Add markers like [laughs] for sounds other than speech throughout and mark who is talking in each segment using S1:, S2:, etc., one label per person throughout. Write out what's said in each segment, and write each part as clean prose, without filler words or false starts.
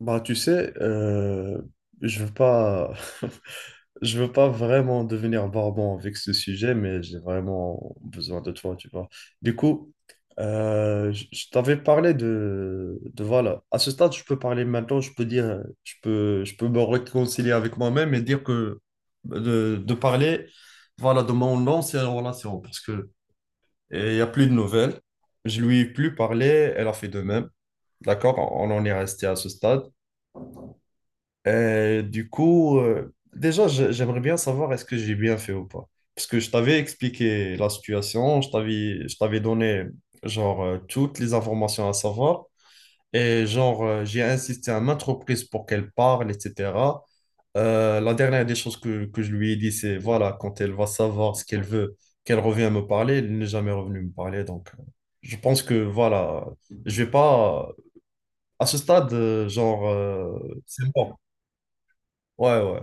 S1: Bah, tu sais, je veux pas, [laughs] je veux pas vraiment devenir barbant avec ce sujet, mais j'ai vraiment besoin de toi, tu vois. Du coup, je t'avais parlé de voilà. À ce stade, je peux parler maintenant, je peux dire, je peux me réconcilier avec moi-même et dire que de parler, voilà, de mon ancienne relation, parce que il y a plus de nouvelles. Je lui ai plus parlé, elle a fait de même. D'accord? On en est resté à ce stade. Déjà, j'aimerais bien savoir est-ce que j'ai bien fait ou pas. Parce que je t'avais expliqué la situation, je t'avais donné genre toutes les informations à savoir et genre j'ai insisté à maintes reprises pour qu'elle parle, etc. La dernière des choses que je lui ai dit, c'est voilà, quand elle va savoir ce qu'elle veut, qu'elle revienne me parler. Elle n'est jamais revenue me parler, donc je pense que voilà, je vais pas à ce stade, c'est bon. Ouais, ouais.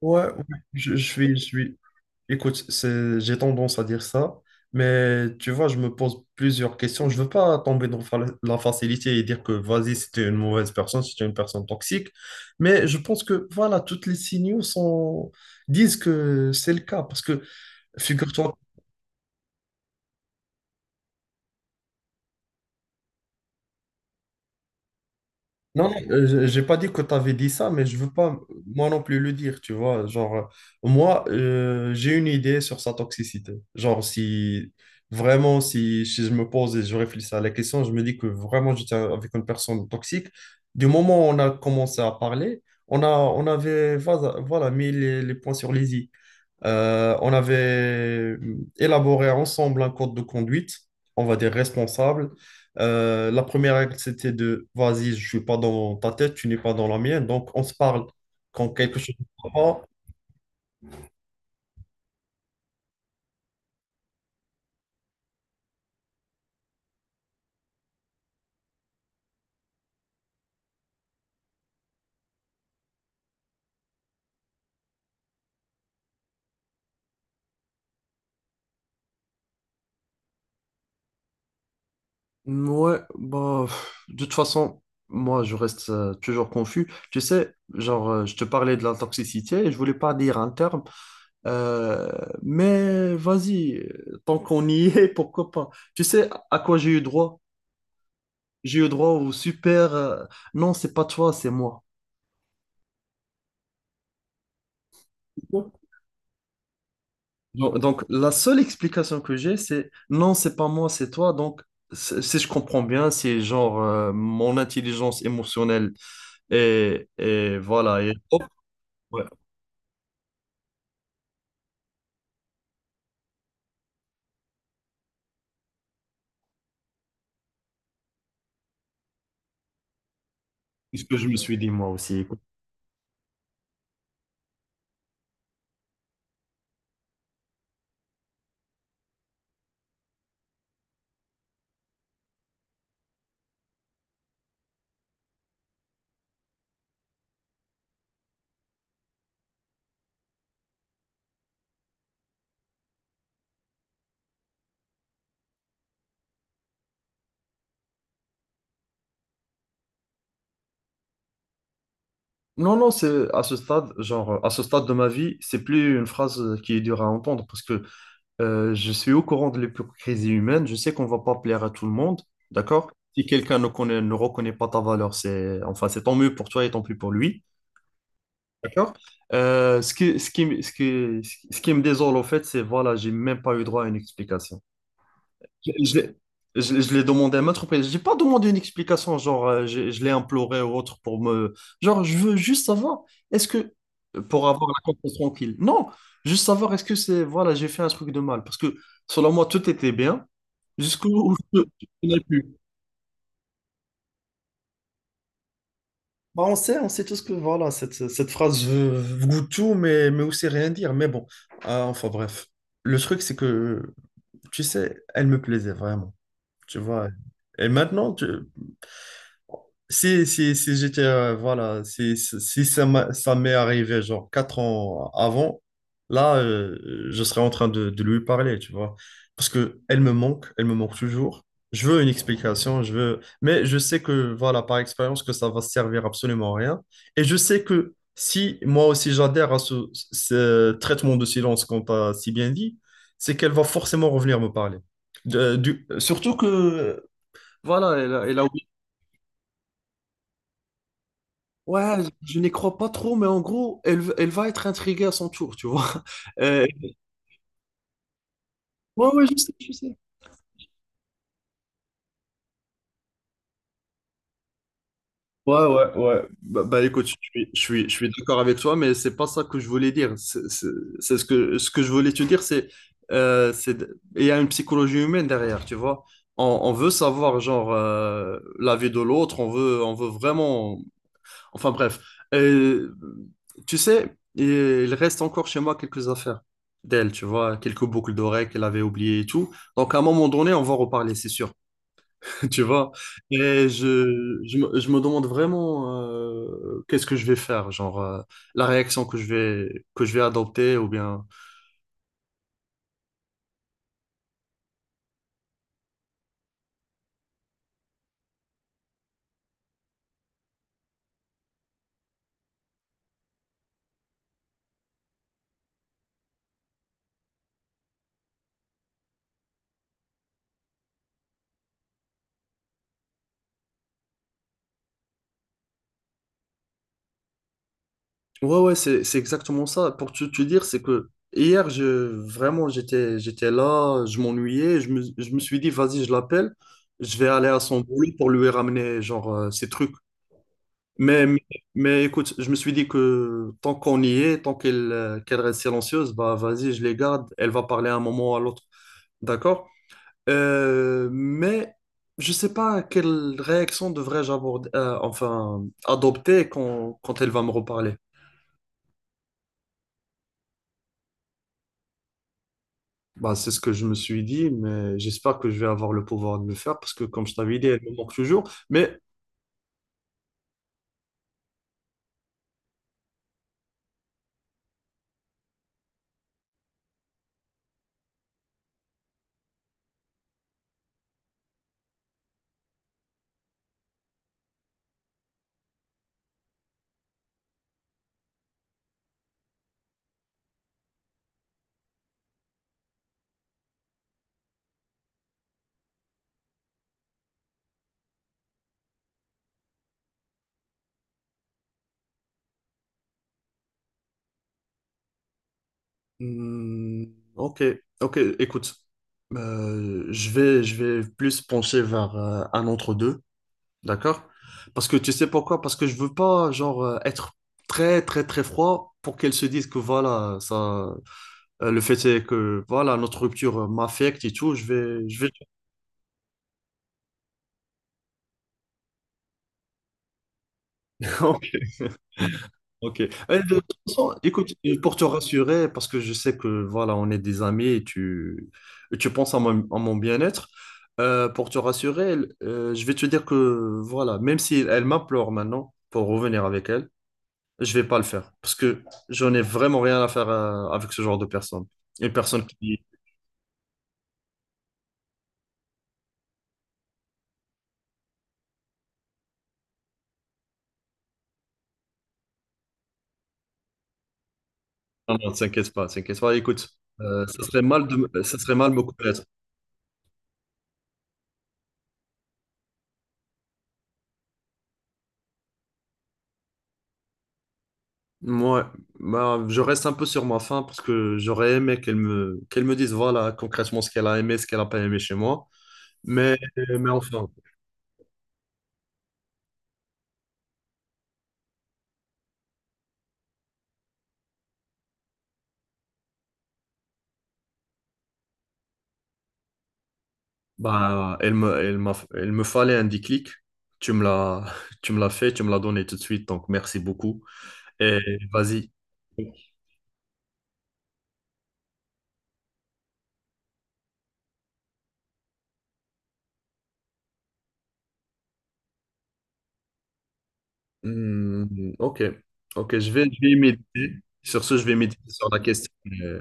S1: Ouais, ouais, je suis. Écoute, c'est, j'ai tendance à dire ça, mais tu vois, je me pose plusieurs questions. Je veux pas tomber dans la facilité et dire que vas-y, c'était une mauvaise personne, c'était une personne toxique, mais je pense que voilà, toutes les signaux disent que c'est le cas, parce que figure-toi. Non, non, j'ai pas dit que tu avais dit ça, mais je veux pas moi non plus le dire, tu vois. Genre, moi, j'ai une idée sur sa toxicité. Genre, si vraiment, si je me pose et je réfléchis à la question, je me dis que vraiment j'étais avec une personne toxique. Du moment où on a commencé à parler, on a, on avait, voilà, mis les points sur les i. On avait euh, élaboré ensemble un code de conduite, on va dire responsable. Euh, La première règle, c'était de, vas-y, je suis pas dans ta tête, tu n'es pas dans la mienne, donc on se parle. Quand quelque chose ne va pas. Ouais, bah, pff, de toute façon, moi, je reste toujours confus. Tu sais, genre, je te parlais de la toxicité et je voulais pas dire un terme, euh, mais vas-y, tant qu'on y [laughs] est, pourquoi pas? Tu sais à quoi j'ai eu droit? J'ai eu droit au super, non, c'est pas toi, c'est moi. Donc, la seule explication que j'ai, c'est non, c'est pas moi, c'est toi. Donc, si je comprends bien, c'est genre mon intelligence émotionnelle et voilà. Et hop, ouais, c'est ce que je me suis dit moi aussi. Non, non, c'est à ce stade, genre à ce stade de ma vie, c'est plus une phrase qui est dure à entendre parce que je suis au courant de l'hypocrisie humaine. Je sais qu'on va pas plaire à tout le monde, d'accord? Si quelqu'un ne connaît, ne reconnaît pas ta valeur, c'est enfin c'est tant mieux pour toi et tant pis pour lui. D'accord? Euh, ce qui, ce qui, ce qui, Ce qui me désole, au fait, c'est voilà, j'ai même pas eu droit à une explication. Je, je l'ai je l'ai demandé à maintes reprises. J'ai pas demandé une explication, genre, je l'ai imploré ou autre pour me. Genre, je veux juste savoir, est-ce que. Pour avoir la conscience tranquille. Non, juste savoir, est-ce que c'est. Voilà, j'ai fait un truc de mal. Parce que, selon moi, tout était bien, jusqu'où [laughs] je n'ai pu. Bah, on sait tous que voilà, cette phrase veut tout, mais aussi rien dire. Mais bon. Ah, enfin bref. Le truc, c'est que, tu sais, elle me plaisait vraiment. Tu vois. Et maintenant, tu, si j'étais, voilà, si, si si ça m'a- ça m'est arrivé genre quatre ans avant, là, je serais en train de lui parler, tu vois. Parce que elle me manque toujours. Je veux une explication, mais je sais que, voilà, par expérience, que ça va servir absolument à rien. Et je sais que si moi aussi j'adhère à ce traitement de silence qu'on t'a si bien dit, c'est qu'elle va forcément revenir me parler. Surtout que. Voilà, elle a. Ouais, je n'y crois pas trop, mais en gros, elle va être intriguée à son tour, tu vois. [laughs] Euh, ouais, ouais, je sais. Ouais, ouais, ouais. Bah, écoute, je suis d'accord avec toi, mais c'est pas ça que je voulais dire. C'est ce que, je voulais te dire, c'est il y a une psychologie humaine derrière, tu vois. On veut savoir, genre, la vie de l'autre, on veut vraiment. Enfin bref. Euh, Tu sais, il reste encore chez moi quelques affaires d'elle, tu vois, quelques boucles d'oreilles qu'elle avait oubliées et tout. Donc à un moment donné, on va reparler, c'est sûr, [laughs] tu vois. Et je me demande vraiment qu'est-ce que je vais faire, genre la réaction que je vais adopter ou bien. Ouais, ouais, c'est exactement ça. Pour te dire, c'est que hier, je, vraiment, j'étais là, je m'ennuyais, je me suis dit, vas-y, je l'appelle, je vais aller à son boulot pour lui ramener, genre, ses trucs. Mais, mais, mais écoute, je me suis dit que tant qu'on y est, tant qu'elle reste silencieuse, bah, vas-y, je les garde, elle va parler à un moment ou à l'autre. D'accord? Mais je sais pas quelle réaction devrais-je aborder, enfin, adopter quand elle va me reparler. Bah, c'est ce que je me suis dit, mais j'espère que je vais avoir le pouvoir de le faire parce que, comme je t'avais dit, elle me manque toujours. Mais, hmm, ok, ok, écoute, je vais plus pencher vers un entre deux, d'accord? Parce que tu sais pourquoi? Parce que je veux pas, genre, être très, très, très froid pour qu'elle se dise que voilà, ça, le fait est que voilà, notre rupture m'affecte et tout. Je vais. [laughs] Ok. De toute façon, écoute, pour te rassurer, parce que je sais que voilà, on est des amis et tu penses à mon, bien-être, pour te rassurer, je vais te dire que voilà, même si elle m'implore maintenant pour revenir avec elle, je vais pas le faire parce que j'en ai vraiment rien à faire avec ce genre de personne. Une personne qui, non, non, t'inquiète pas, t'inquiète pas. Écoute, ça serait mal de me couper. Moi, bah, je reste un peu sur ma faim parce que j'aurais aimé qu'elle me dise voilà concrètement ce qu'elle a aimé, ce qu'elle n'a pas aimé chez moi. Mais, mais enfin, bah, elle me, elle m'a, elle me fallait un déclic. Tu me l'as, [laughs] tu me l'as fait, tu me l'as donné tout de suite, donc merci beaucoup. Et vas-y. Hmm, ok, ok, je vais méditer. Sur ce, je vais méditer sur la question. Euh,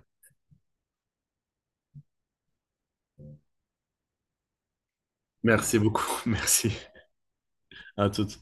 S1: Merci beaucoup, [laughs] merci à toutes.